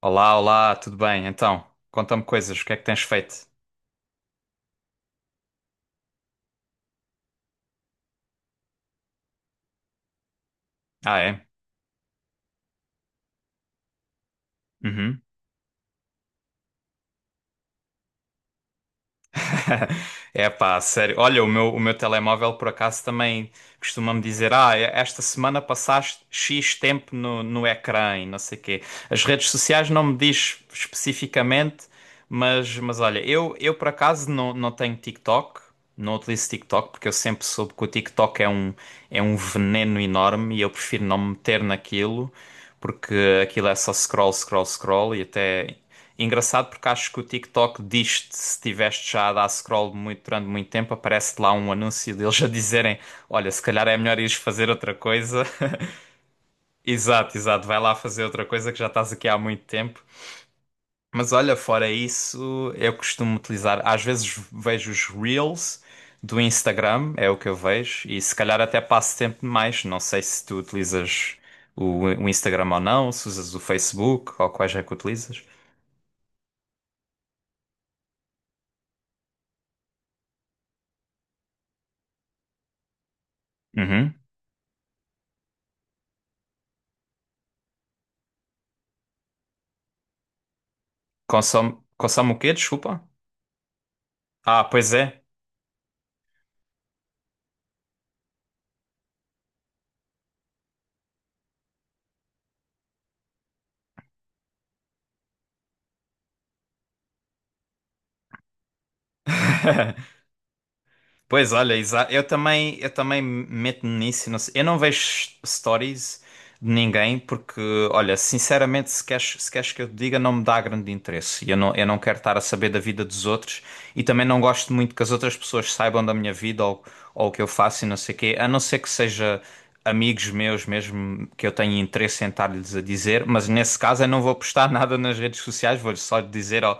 Olá, olá, tudo bem? Então, conta-me coisas, o que é que tens feito? Ah, é? Uhum. É pá, sério. Olha, o meu telemóvel por acaso também costuma-me dizer: Ah, é, esta semana passaste X tempo no ecrã e não sei quê. As redes sociais não me diz especificamente, mas, olha, eu por acaso não tenho TikTok, não utilizo TikTok, porque eu sempre soube que o TikTok é um veneno enorme e eu prefiro não me meter naquilo, porque aquilo é só scroll, scroll, scroll e até. Engraçado porque acho que o TikTok diz-te, se estiveste já a dar scroll muito, durante muito tempo, aparece lá um anúncio deles a dizerem: Olha, se calhar é melhor ires fazer outra coisa. Exato, exato, vai lá fazer outra coisa que já estás aqui há muito tempo. Mas olha, fora isso, eu costumo utilizar, às vezes vejo os Reels do Instagram, é o que eu vejo, e se calhar até passo tempo demais. Não sei se tu utilizas o Instagram ou não, se usas o Facebook ou quais é que utilizas. Uhum. Consome, consome o quê? Desculpa. Ah, pois é. Pois olha, eu também meto-me nisso. Não sei. Eu não vejo stories de ninguém porque, olha, sinceramente, se queres, se queres que eu te diga, não me dá grande interesse. E eu não, eu não quero estar a saber da vida dos outros e também não gosto muito que as outras pessoas saibam da minha vida ou o que eu faço e não sei o quê, a não ser que seja amigos meus mesmo que eu tenho interesse em estar-lhes a dizer, mas nesse caso eu não vou postar nada nas redes sociais, vou-lhes só dizer, ó.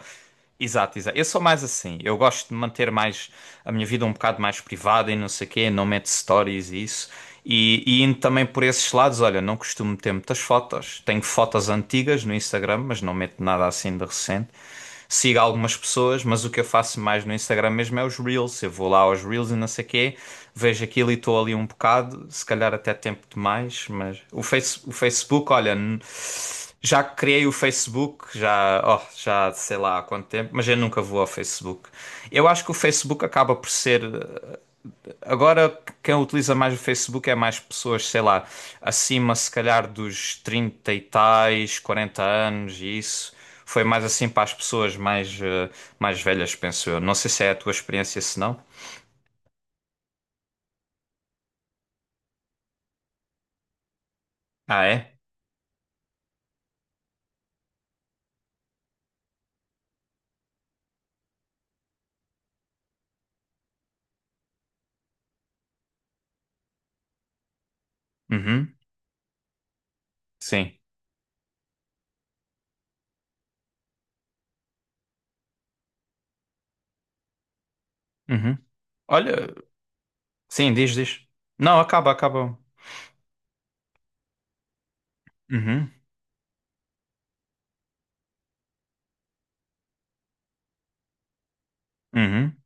Exato, exato. Eu sou mais assim. Eu gosto de manter mais a minha vida um bocado mais privada e não sei quê, não meto stories e isso. E, indo também por esses lados, olha, não costumo ter muitas fotos. Tenho fotos antigas no Instagram, mas não meto nada assim de recente. Sigo algumas pessoas, mas o que eu faço mais no Instagram mesmo é os Reels. Eu vou lá aos Reels e não sei quê, vejo aquilo e estou ali um bocado, se calhar até tempo demais, mas o, o Facebook, olha. Já criei o Facebook, já, oh, já sei lá há quanto tempo, mas eu nunca vou ao Facebook. Eu acho que o Facebook acaba por ser. Agora, quem utiliza mais o Facebook é mais pessoas, sei lá, acima se calhar dos 30 e tais, 40 anos e isso. Foi mais assim para as pessoas mais, mais velhas, penso eu. Não sei se é a tua experiência, se não. Ah, é? Uhum, sim. Uhum. Olha, sim, diz, diz. Não, acaba, acaba. Uhum, uhum,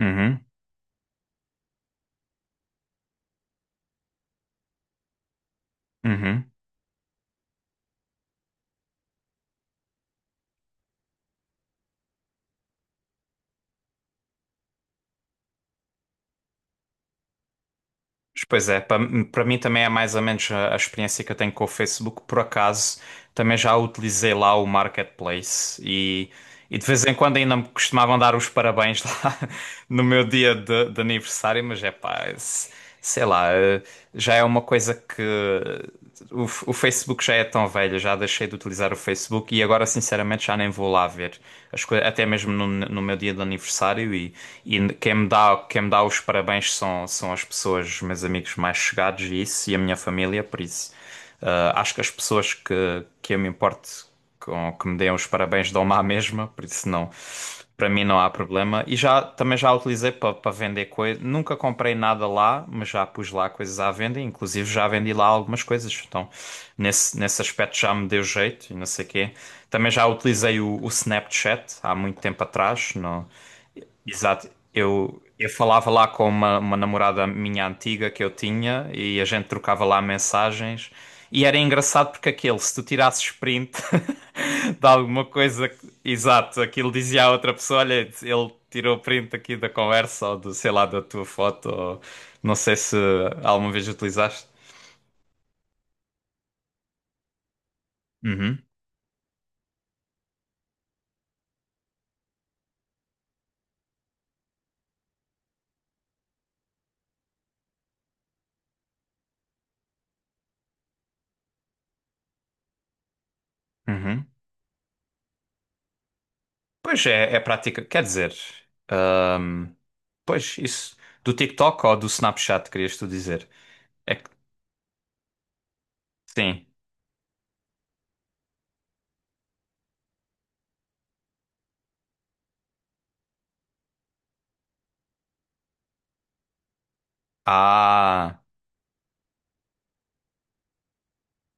uhum, uhum. Pois é, para mim também é mais ou menos a experiência que eu tenho com o Facebook. Por acaso, também já utilizei lá o Marketplace e, de vez em quando ainda me costumavam dar os parabéns lá no meu dia de aniversário, mas é pá, sei lá, já é uma coisa que o Facebook já é tão velho, já deixei de utilizar o Facebook e agora sinceramente já nem vou lá ver as coisas, até mesmo no, meu dia de aniversário e, quem me dá os parabéns são, são as pessoas, os meus amigos mais chegados e isso, e a minha família, por isso. Acho que as pessoas que eu me importo com, que me deem os parabéns dão-me à mesma, por isso não, para mim não há problema. E já também já utilizei para vender coisas. Nunca comprei nada lá, mas já pus lá coisas à venda, inclusive já vendi lá algumas coisas. Então, nesse, nesse aspecto já me deu jeito e não sei quê. Também já utilizei o Snapchat há muito tempo atrás. Não... Exato. Eu falava lá com uma namorada minha antiga que eu tinha e a gente trocava lá mensagens. E era engraçado porque aquele, se tu tirasses print de alguma coisa, exato, aquilo dizia à outra pessoa: olha, ele tirou print aqui da conversa ou do, sei lá, da tua foto. Ou... Não sei se alguma vez utilizaste. Uhum, uhum. Pois é, é prática. Quer dizer, ahm, pois isso do TikTok ou do Snapchat, querias tu dizer? É que sim. Ah,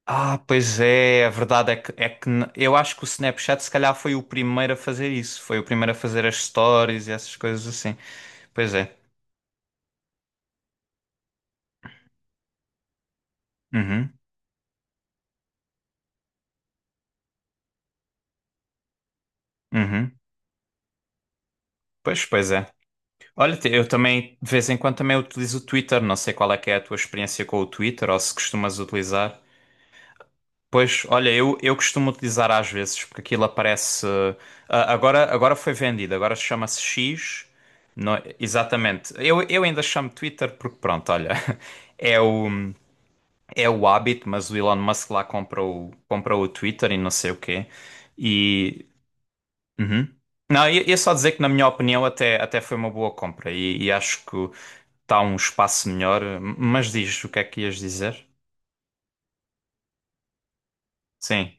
ah, pois é, a verdade é que, eu acho que o Snapchat se calhar foi o primeiro a fazer isso. Foi o primeiro a fazer as stories e essas coisas assim. Pois é. Uhum, uhum. Pois, pois é. Olha, eu também de vez em quando também utilizo o Twitter. Não sei qual é que é a tua experiência com o Twitter ou se costumas utilizar. Pois, olha, eu costumo utilizar às vezes, porque aquilo aparece. Agora, foi vendido, agora chama-se X. É? Exatamente. Eu ainda chamo Twitter porque, pronto, olha, é o, é o hábito, mas o Elon Musk lá comprou, comprou o Twitter e não sei o quê. E. Uhum. Não, ia só dizer que, na minha opinião, até, até foi uma boa compra e acho que está um espaço melhor. Mas diz o que é que ias dizer? Sim.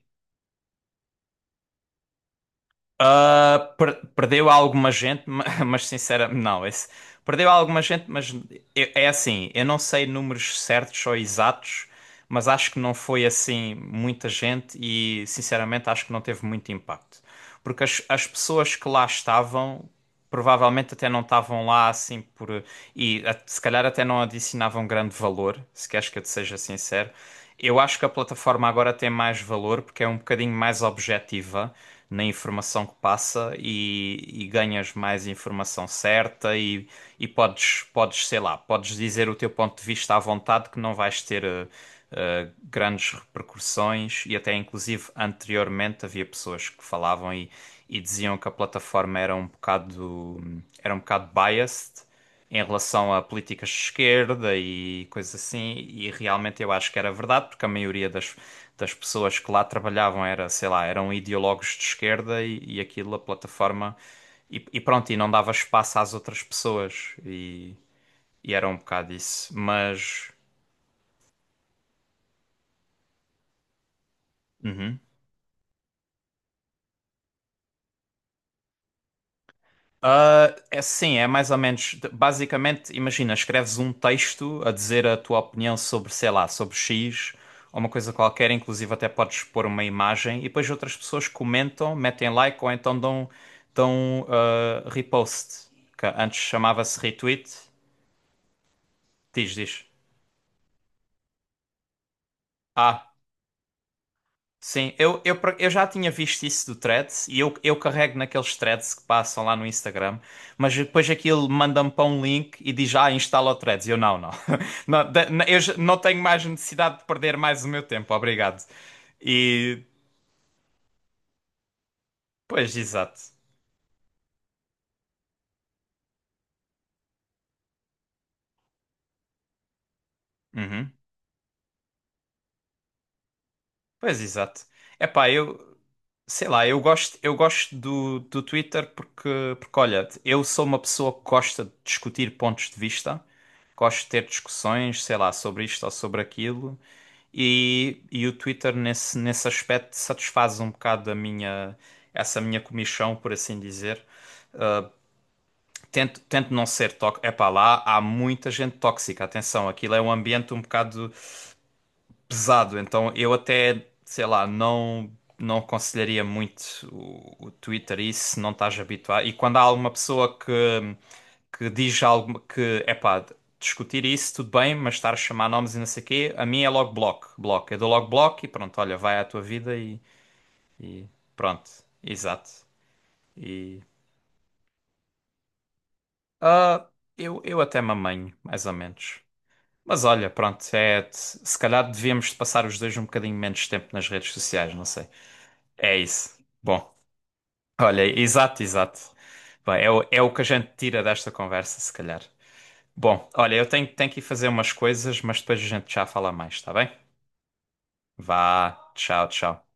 Ah, perdeu alguma gente, mas sinceramente, não, esse, perdeu alguma gente, mas é assim, eu não sei números certos ou exatos, mas acho que não foi assim muita gente e sinceramente acho que não teve muito impacto. Porque as pessoas que lá estavam provavelmente até não estavam lá assim por. E se calhar até não adicionavam grande valor, se queres que eu te seja sincero. Eu acho que a plataforma agora tem mais valor porque é um bocadinho mais objetiva na informação que passa e ganhas mais informação certa e podes, podes, sei lá, podes dizer o teu ponto de vista à vontade que não vais ter. Grandes repercussões e até inclusive anteriormente havia pessoas que falavam e diziam que a plataforma era um bocado biased em relação a políticas de esquerda e coisas assim e realmente eu acho que era verdade porque a maioria das das pessoas que lá trabalhavam era sei lá eram ideólogos de esquerda e aquilo a plataforma e pronto, e não dava espaço às outras pessoas. E era um bocado isso. Mas. Uhum. Ah, é sim, é mais ou menos. Basicamente, imagina, escreves um texto a dizer a tua opinião sobre, sei lá, sobre X ou uma coisa qualquer, inclusive até podes pôr uma imagem e depois outras pessoas comentam, metem like ou então dão, dão repost, que antes chamava-se retweet. Diz, diz. Ah. Sim, eu já tinha visto isso do Threads e eu carrego naqueles threads que passam lá no Instagram, mas depois aquilo manda-me para um link e diz, ah, instala o Threads. E eu, não, não. Não, eu já não tenho mais necessidade de perder mais o meu tempo, obrigado. E, pois, exato. Uhum. Pois, exato. Epá, sei lá, eu gosto do Twitter porque, porque, olha, eu sou uma pessoa que gosta de discutir pontos de vista, gosto de ter discussões, sei lá, sobre isto ou sobre aquilo, e, o Twitter nesse, nesse aspecto satisfaz um bocado a minha, essa minha comichão, por assim dizer. Uh, Tento, tento não ser tóxico. Epá, lá há muita gente tóxica, atenção, aquilo é um ambiente um bocado pesado, então eu até, sei lá, não aconselharia muito o Twitter isso se não estás habituado. E quando há alguma pessoa que diz algo que, epá, discutir isso tudo bem, mas estar a chamar nomes e não sei o quê, a mim é logo bloco, bloco. Eu dou logo bloco e pronto, olha, vai à tua vida e, e pronto. Exato. E ah eu até me amanho, mais ou menos. Mas olha, pronto, é, se calhar devíamos passar os dois um bocadinho menos tempo nas redes sociais, não sei. É isso. Bom, olha, exato, exato. Bem, é o, é o que a gente tira desta conversa, se calhar. Bom, olha, tenho que ir fazer umas coisas, mas depois a gente já fala mais, tá bem? Vá, tchau, tchau.